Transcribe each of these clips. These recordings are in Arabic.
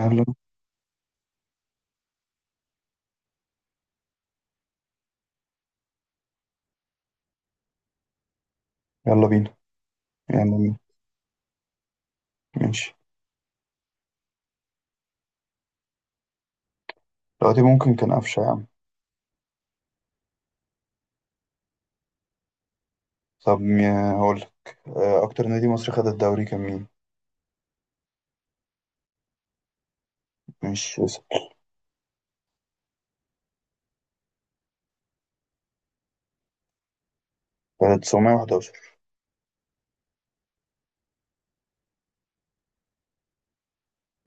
يلا يلا بينا. يعني، ماشي. دلوقتي ممكن كان قفشة يا عم. طب هقولك. أكتر نادي مصري خد الدوري كان مين؟ مش اسم. 911.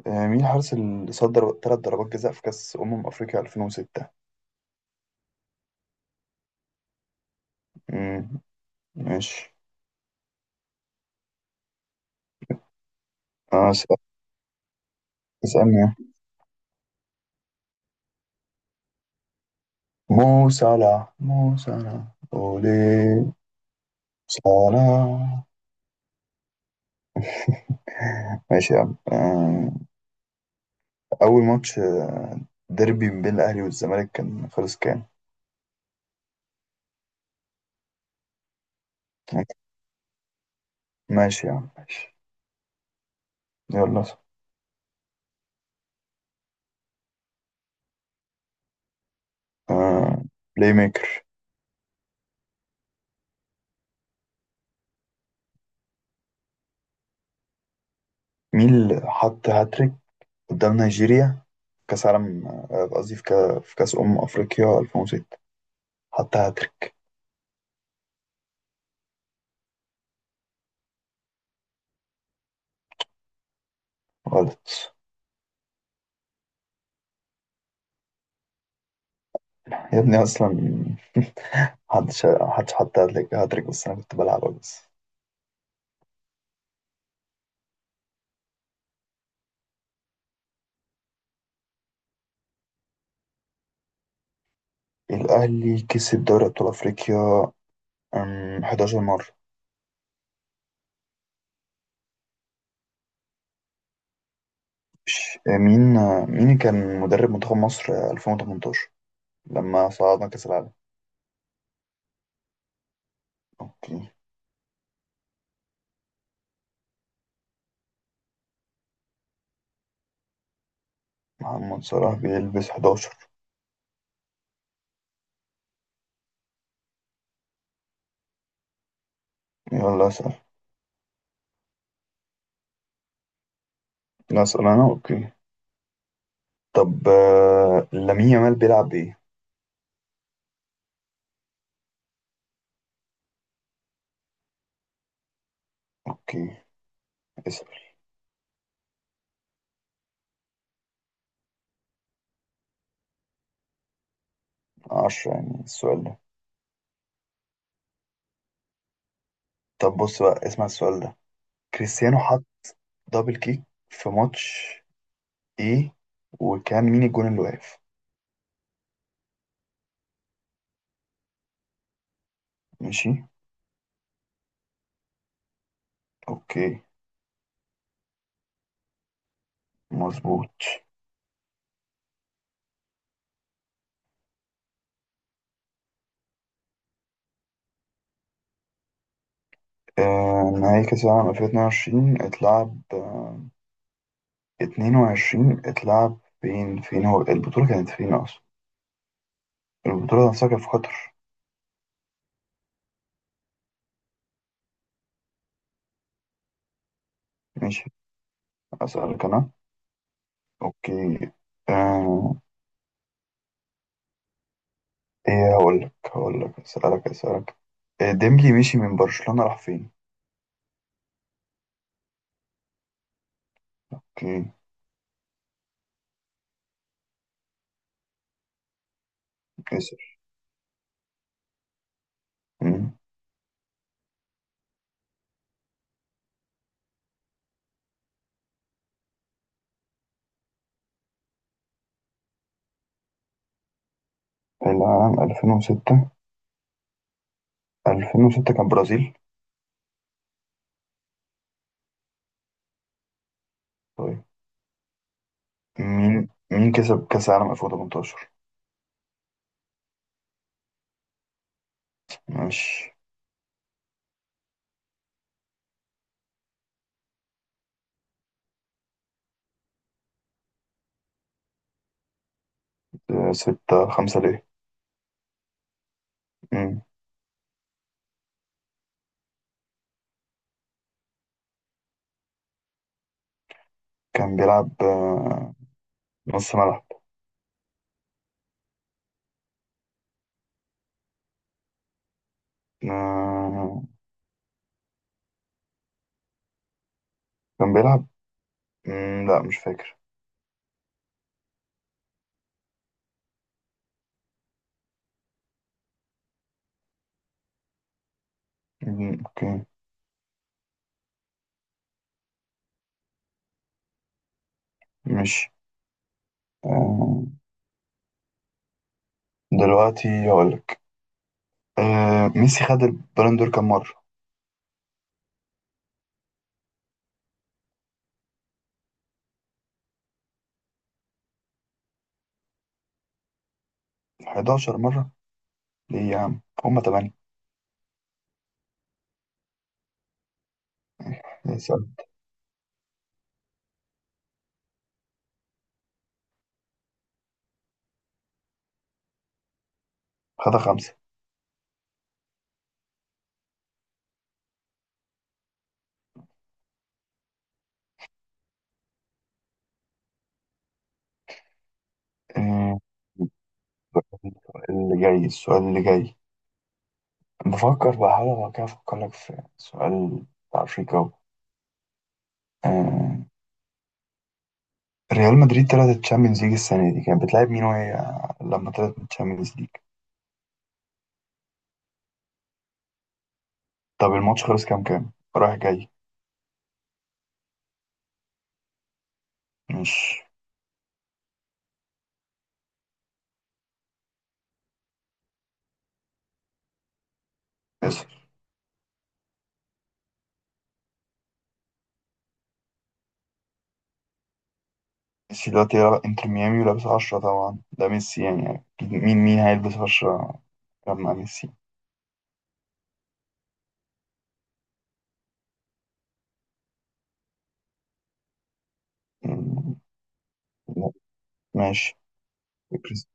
مين الحارس اللي صدر 3 ضربات جزاء في كأس أمم أفريقيا 2006؟ مم، ماشي. آه، اس- اسألني. مو صلاح أولي صلاح. ماشي يا عم. أول ماتش، ديربي بين الأهلي والزمالك كان خلص كام؟ ماشي يا عم، ماشي. يلا. آه بلاي ميكر. مين اللي حط هاتريك قدام نيجيريا كأس عالم، قصدي في في كأس أمم أفريقيا 2006 حط هاتريك؟ غلط. يا ابني أصلا محدش حط هاتريك بس أنا كنت بلعب بس. الأهلي كسب دوري أبطال أفريقيا 11 مرة. مين، مين كان مدرب منتخب مصر 2018 لما صعدنا كأس العالم؟ أوكي. محمد صلاح بيلبس 11. يلا أسأل. لا، أسأل أنا. أوكي. طب لامين يامال بيلعب ايه؟ اوكي، اسأل. 10 يعني السؤال ده؟ طب بص بقى، اسمع السؤال ده. كريستيانو حط دبل كيك في ماتش ايه، وكان مين الجون اللي واقف؟ ماشي. اوكي. مظبوط. نهائي كأس العالم 2022 اتلعب، 22 اتلعب فين، فين هو البطولة كانت فين أصلا؟ البطولة نفسها كانت في قطر. ماشي. أسألك أنا. اوكي. آه، ايه، هقول لك، اسالك. إيه، ديمبلي مشي من برشلونة راح فين؟ امم نسر. امم العام 2006 كان برازيل. طيب. مين كسب كأس العالم 2018؟ ماشي. 6-5 ليه؟ امم كان بيلعب نص ملعب. آه، كان بيلعب. مم، لا مش فاكر. مم، اوكي. مش. آه، دلوقتي هقول لك. ميسي خد البالون دور كام مرة؟ 11 مرة؟ ليه يا عم، هما 8. اسأل. خدها 5. آه، اللي جاي السؤال اللي جاي. بفكر بقى حاجة، لو كده أفكر لك في سؤال بتاع أفريقيا أهو. آه، ريال مدريد طلعت الشامبيونز ليج السنة دي كانت بتلعب مين، وهي لما طلعت من الشامبيونز ليج؟ طب الماتش خلص كام كام رايح جاي؟ مش. اسف. ميسي دلوقتي يلعب انتر ميامي ولابس 10، طبعا ده ميسي يعني، أكيد مين مين هيلبس 10 لما ميسي. مم، ماشي. كريس-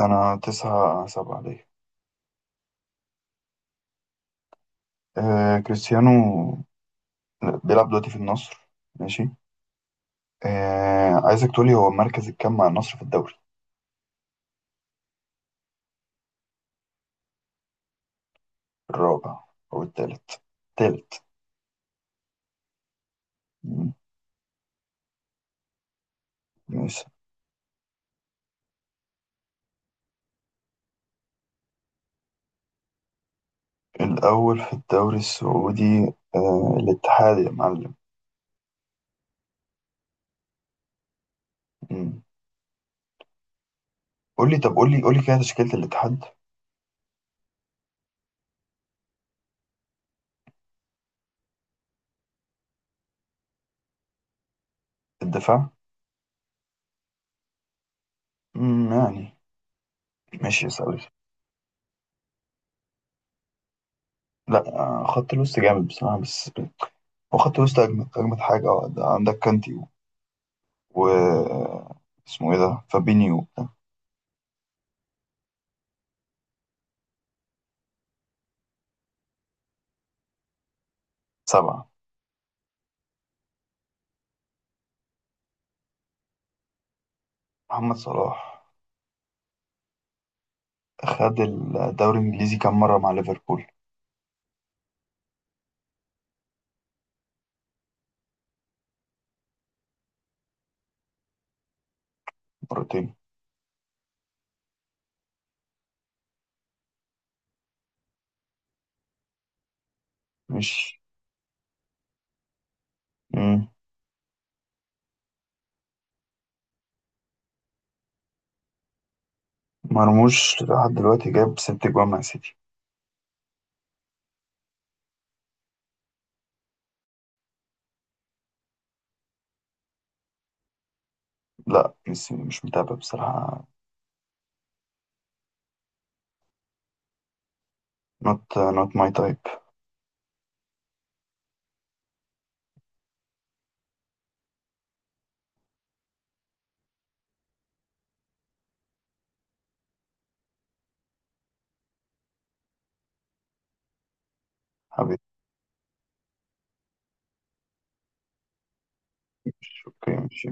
أنا 9-7. كريستيانو بيلعب دلوقتي في النصر. ماشي. عايزك تقولي هو مركز الكام مع النصر في الدوري. الرابع أو التالت، التالت. مم، ماشي. الأول في الدوري السعودي الاتحاد يا معلم. مم. قولي. طب، قولي كده تشكيلة الاتحاد. الدفاع. مم، يعني ماشي يا سوري. لا، خط الوسط جامد بصراحة، بس هو خط الوسط أجمد أجمد حاجة. ده عندك كانتي و اسمه إيه ده فابينيو. 7. محمد صلاح خد الدوري الإنجليزي كام مرة مع ليفربول؟ مرتين. مش. مم. مرموش لحد دلوقتي جاب 6 جوان مع سيتي. لا، مش متابع بصراحة. not not my type. حبيبي. مش اوكي. مش